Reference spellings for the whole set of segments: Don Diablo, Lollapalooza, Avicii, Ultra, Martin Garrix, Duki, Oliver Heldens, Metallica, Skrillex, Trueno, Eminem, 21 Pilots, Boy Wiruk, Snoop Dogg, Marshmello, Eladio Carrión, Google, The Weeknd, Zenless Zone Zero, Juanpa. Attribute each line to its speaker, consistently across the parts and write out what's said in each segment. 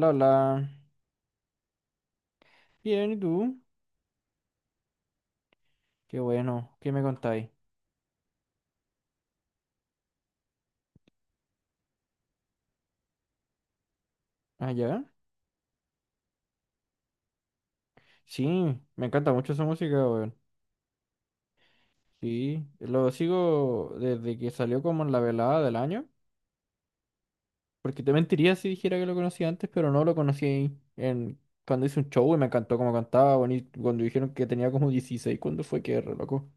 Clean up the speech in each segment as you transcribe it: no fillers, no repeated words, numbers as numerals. Speaker 1: Lola, bien, ¿y tú? Qué bueno, ¿qué me contáis? Ah, ya. Sí, me encanta mucho esa música, weón. Sí, lo sigo desde que salió como en la velada del año. Porque te mentiría si dijera que lo conocía antes, pero no lo conocí en cuando hice un show y me encantó cómo cantaba, bonito, cuando dijeron que tenía como 16, ¿cuándo fue que re loco?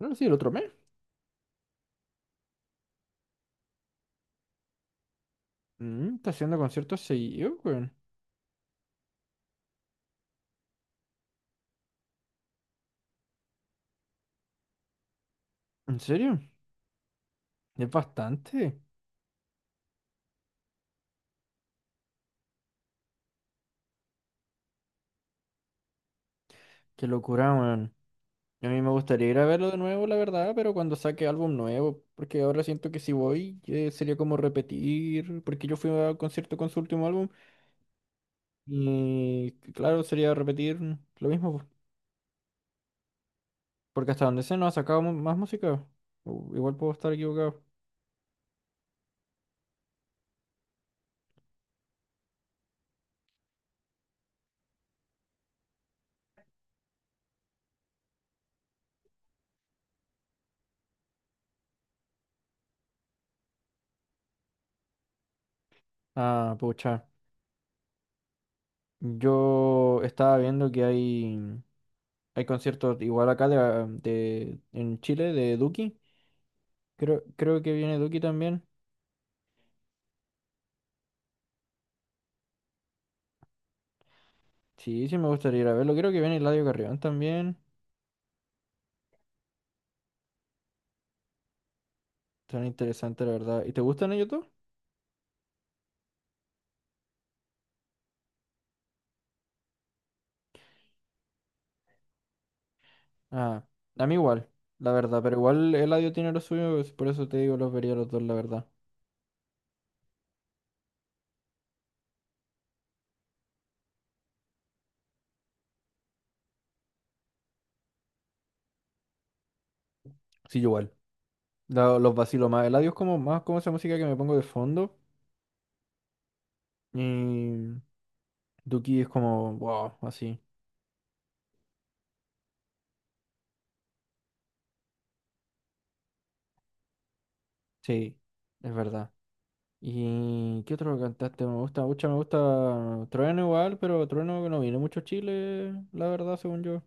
Speaker 1: No, sí, el otro mes. Mm, está haciendo conciertos seguidos, weón. ¿En serio? Es bastante. Qué locura, weón. A mí me gustaría ir a verlo de nuevo, la verdad, pero cuando saque álbum nuevo, porque ahora siento que si voy sería como repetir, porque yo fui al concierto con su último álbum y claro, sería repetir lo mismo, po, porque hasta donde sé no ha sacado más música. Igual puedo estar equivocado. Ah, pucha. Yo estaba viendo que hay conciertos igual acá de, ah, en Chile de Duki. Creo que viene Duki también. Sí, sí me gustaría ir a verlo. Creo que viene Eladio Carrión también. Tan interesante, la verdad. ¿Y te gustan ellos dos? Ah, a mí igual, la verdad. Pero igual Eladio tiene lo suyo, es por eso te digo, los vería los dos, la verdad. Sí, yo igual. Los vacilo más. Eladio es como más como esa música que me pongo de fondo. Y Duki es como, wow, así. Sí, es verdad. ¿Y qué otro cantaste? Me gusta mucho, me gusta Trueno igual, pero Trueno no viene mucho a Chile, la verdad, según yo.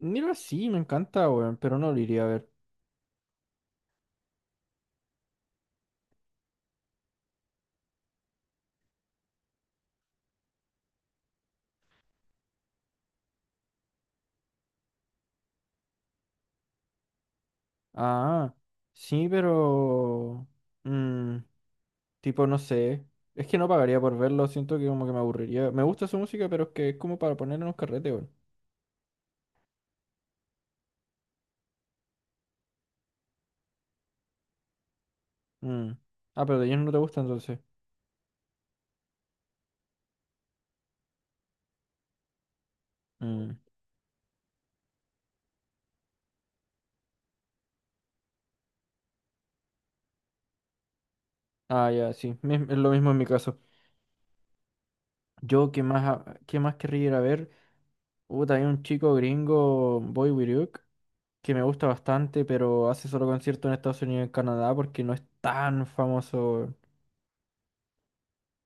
Speaker 1: Mira, sí, me encanta, weón, pero no lo iría a ver. Ah, sí, pero mm, tipo, no sé. Es que no pagaría por verlo, siento que como que me aburriría. Me gusta su música, pero es que es como para poner en un carrete, weón. Mm. Ah, pero de ellos no te gusta entonces. Mm. Ah, ya, sí. Es lo mismo en mi caso. Yo, ¿qué más, qué más querría ir a ver? Hubo también un chico gringo, Boy Wiruk, que me gusta bastante, pero hace solo concierto en Estados Unidos y en Canadá porque no es tan famoso, weón.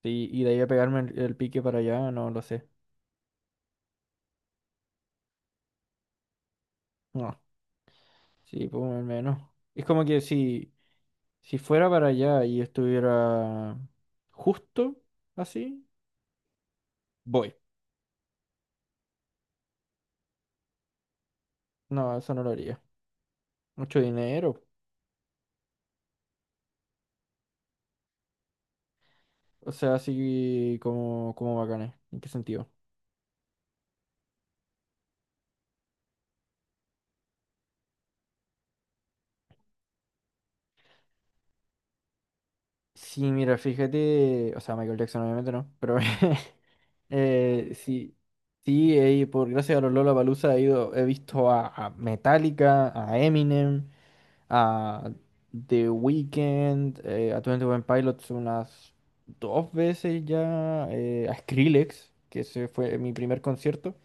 Speaker 1: Sí, y de ahí a pegarme el pique para allá, no lo sé. No. Sí, pues al menos. Es como que si fuera para allá y estuviera justo así, voy. No, eso no lo haría. Mucho dinero. O sea, así como, como bacanes. ¿En qué sentido? Sí, mira, fíjate. O sea, Michael Jackson obviamente no, pero sí. Sí, por gracias a los Lollapalooza he ido, he visto a Metallica, a Eminem, a The Weeknd, a 21 Pilots unas dos veces ya, a Skrillex, que ese fue mi primer concierto.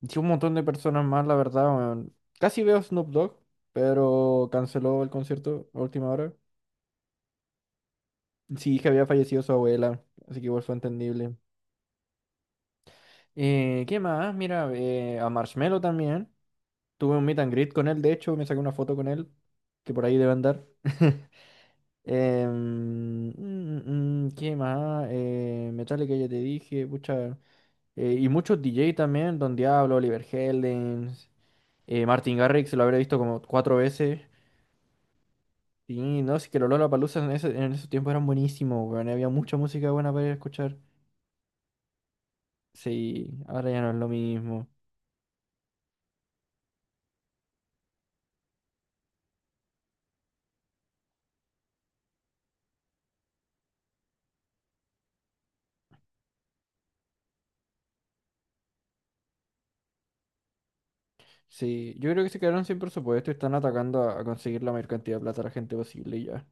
Speaker 1: Y un montón de personas más, la verdad, weón. Casi veo a Snoop Dogg, pero canceló el concierto a última hora. Sí, que había fallecido su abuela, así que igual fue entendible. ¿Qué más? Mira, a Marshmello también. Tuve un meet and greet con él, de hecho, me saqué una foto con él, que por ahí debe andar. ¿Qué más? Metallica ya te dije, pucha, y muchos DJ también, Don Diablo, Oliver Heldens, Martin Garrix, lo habré visto como cuatro veces. Y no, sí que los Lollapaloozas en en esos tiempos eran buenísimos, weón. Había mucha música buena para ir a escuchar. Sí, ahora ya no es lo mismo. Sí, yo creo que se quedaron sin presupuesto y están atacando a conseguir la mayor cantidad de plata a la gente posible y ya.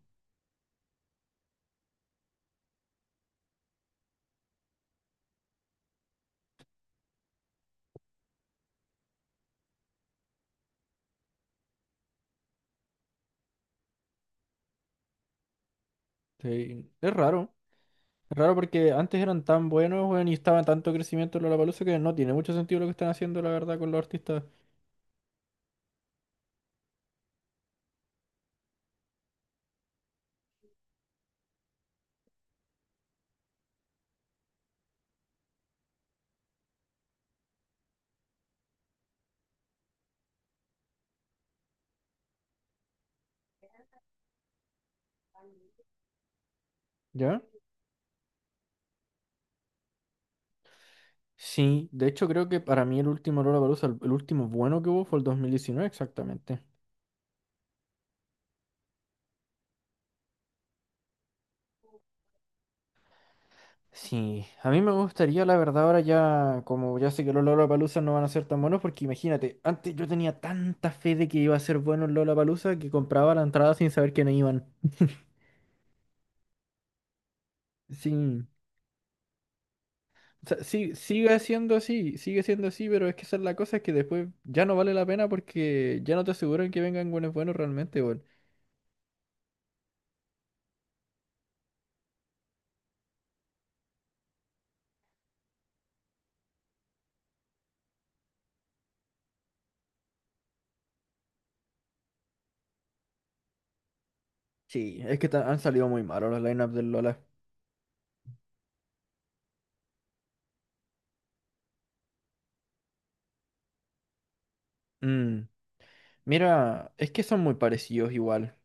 Speaker 1: Sí, es raro. Es raro porque antes eran tan buenos, weón, y estaba tanto crecimiento en Lollapalooza que no tiene mucho sentido lo que están haciendo, la verdad, con los artistas. ¿Ya? Sí, de hecho creo que para mí el último Lollapalooza, el último bueno que hubo fue el 2019 exactamente. Sí, a mí me gustaría, la verdad, ahora ya, como ya sé que los Lollapalooza no van a ser tan buenos, porque imagínate, antes yo tenía tanta fe de que iba a ser bueno el Lollapalooza que compraba la entrada sin saber que no iban. Sí. O sea, sigue siendo así, pero es que esa es la cosa, es que después ya no vale la pena porque ya no te aseguran que vengan buenos buenos realmente, weón. Sí, es que han salido muy malos los lineups del Lola. Mm, mira, es que son muy parecidos igual.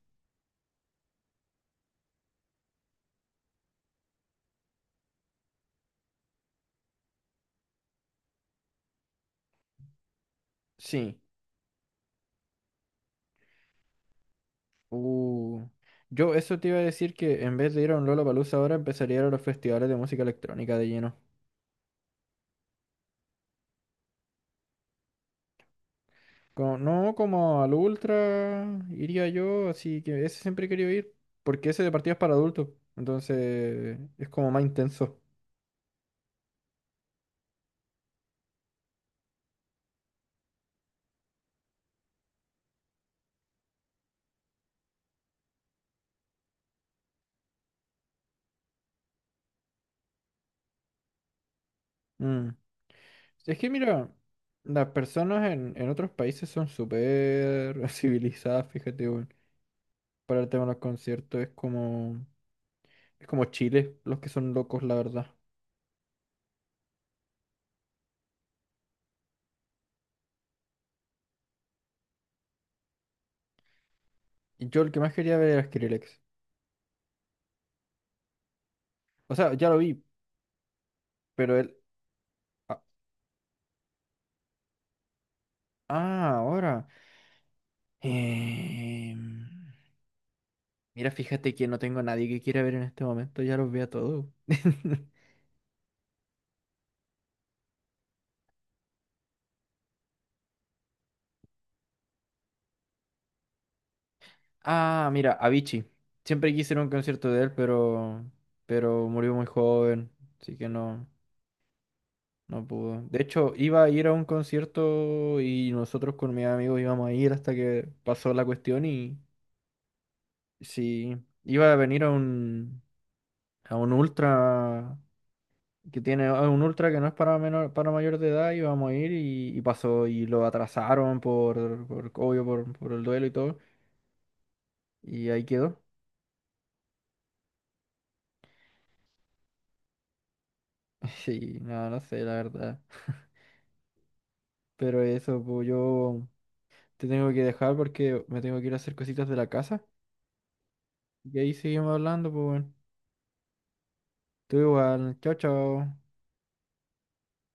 Speaker 1: Sí. Uh, yo eso te iba a decir que en vez de ir a un Lollapalooza ahora empezaría a ir a los festivales de música electrónica de lleno. No, como al Ultra iría yo, así que ese siempre he querido ir, porque ese de partidas para adultos, entonces es como más intenso. Mm. Es que mira, las personas en otros países son súper civilizadas, fíjate, weón. Para el tema de los conciertos es como Chile, los que son locos, la verdad. Y yo el que más quería ver era Skrillex. O sea, ya lo vi, pero él Ah, ahora. Em, Mira, fíjate que no tengo a nadie que quiera ver en este momento, ya los veo a todos. Ah, mira, Avicii. Siempre quise ir a un concierto de él, pero murió muy joven, así que no, no pudo. De hecho, iba a ir a un concierto y nosotros con mis amigos íbamos a ir hasta que pasó la cuestión y sí, iba a venir a un ultra que tiene a un ultra que no es para menor, para mayor de edad y vamos a ir y pasó y lo atrasaron por obvio por el duelo y todo y ahí quedó. Sí, no, no sé la verdad. Pero eso, pues yo te tengo que dejar porque me tengo que ir a hacer cositas de la casa. Y ahí seguimos hablando, pues bueno. Tú igual, chao, chao.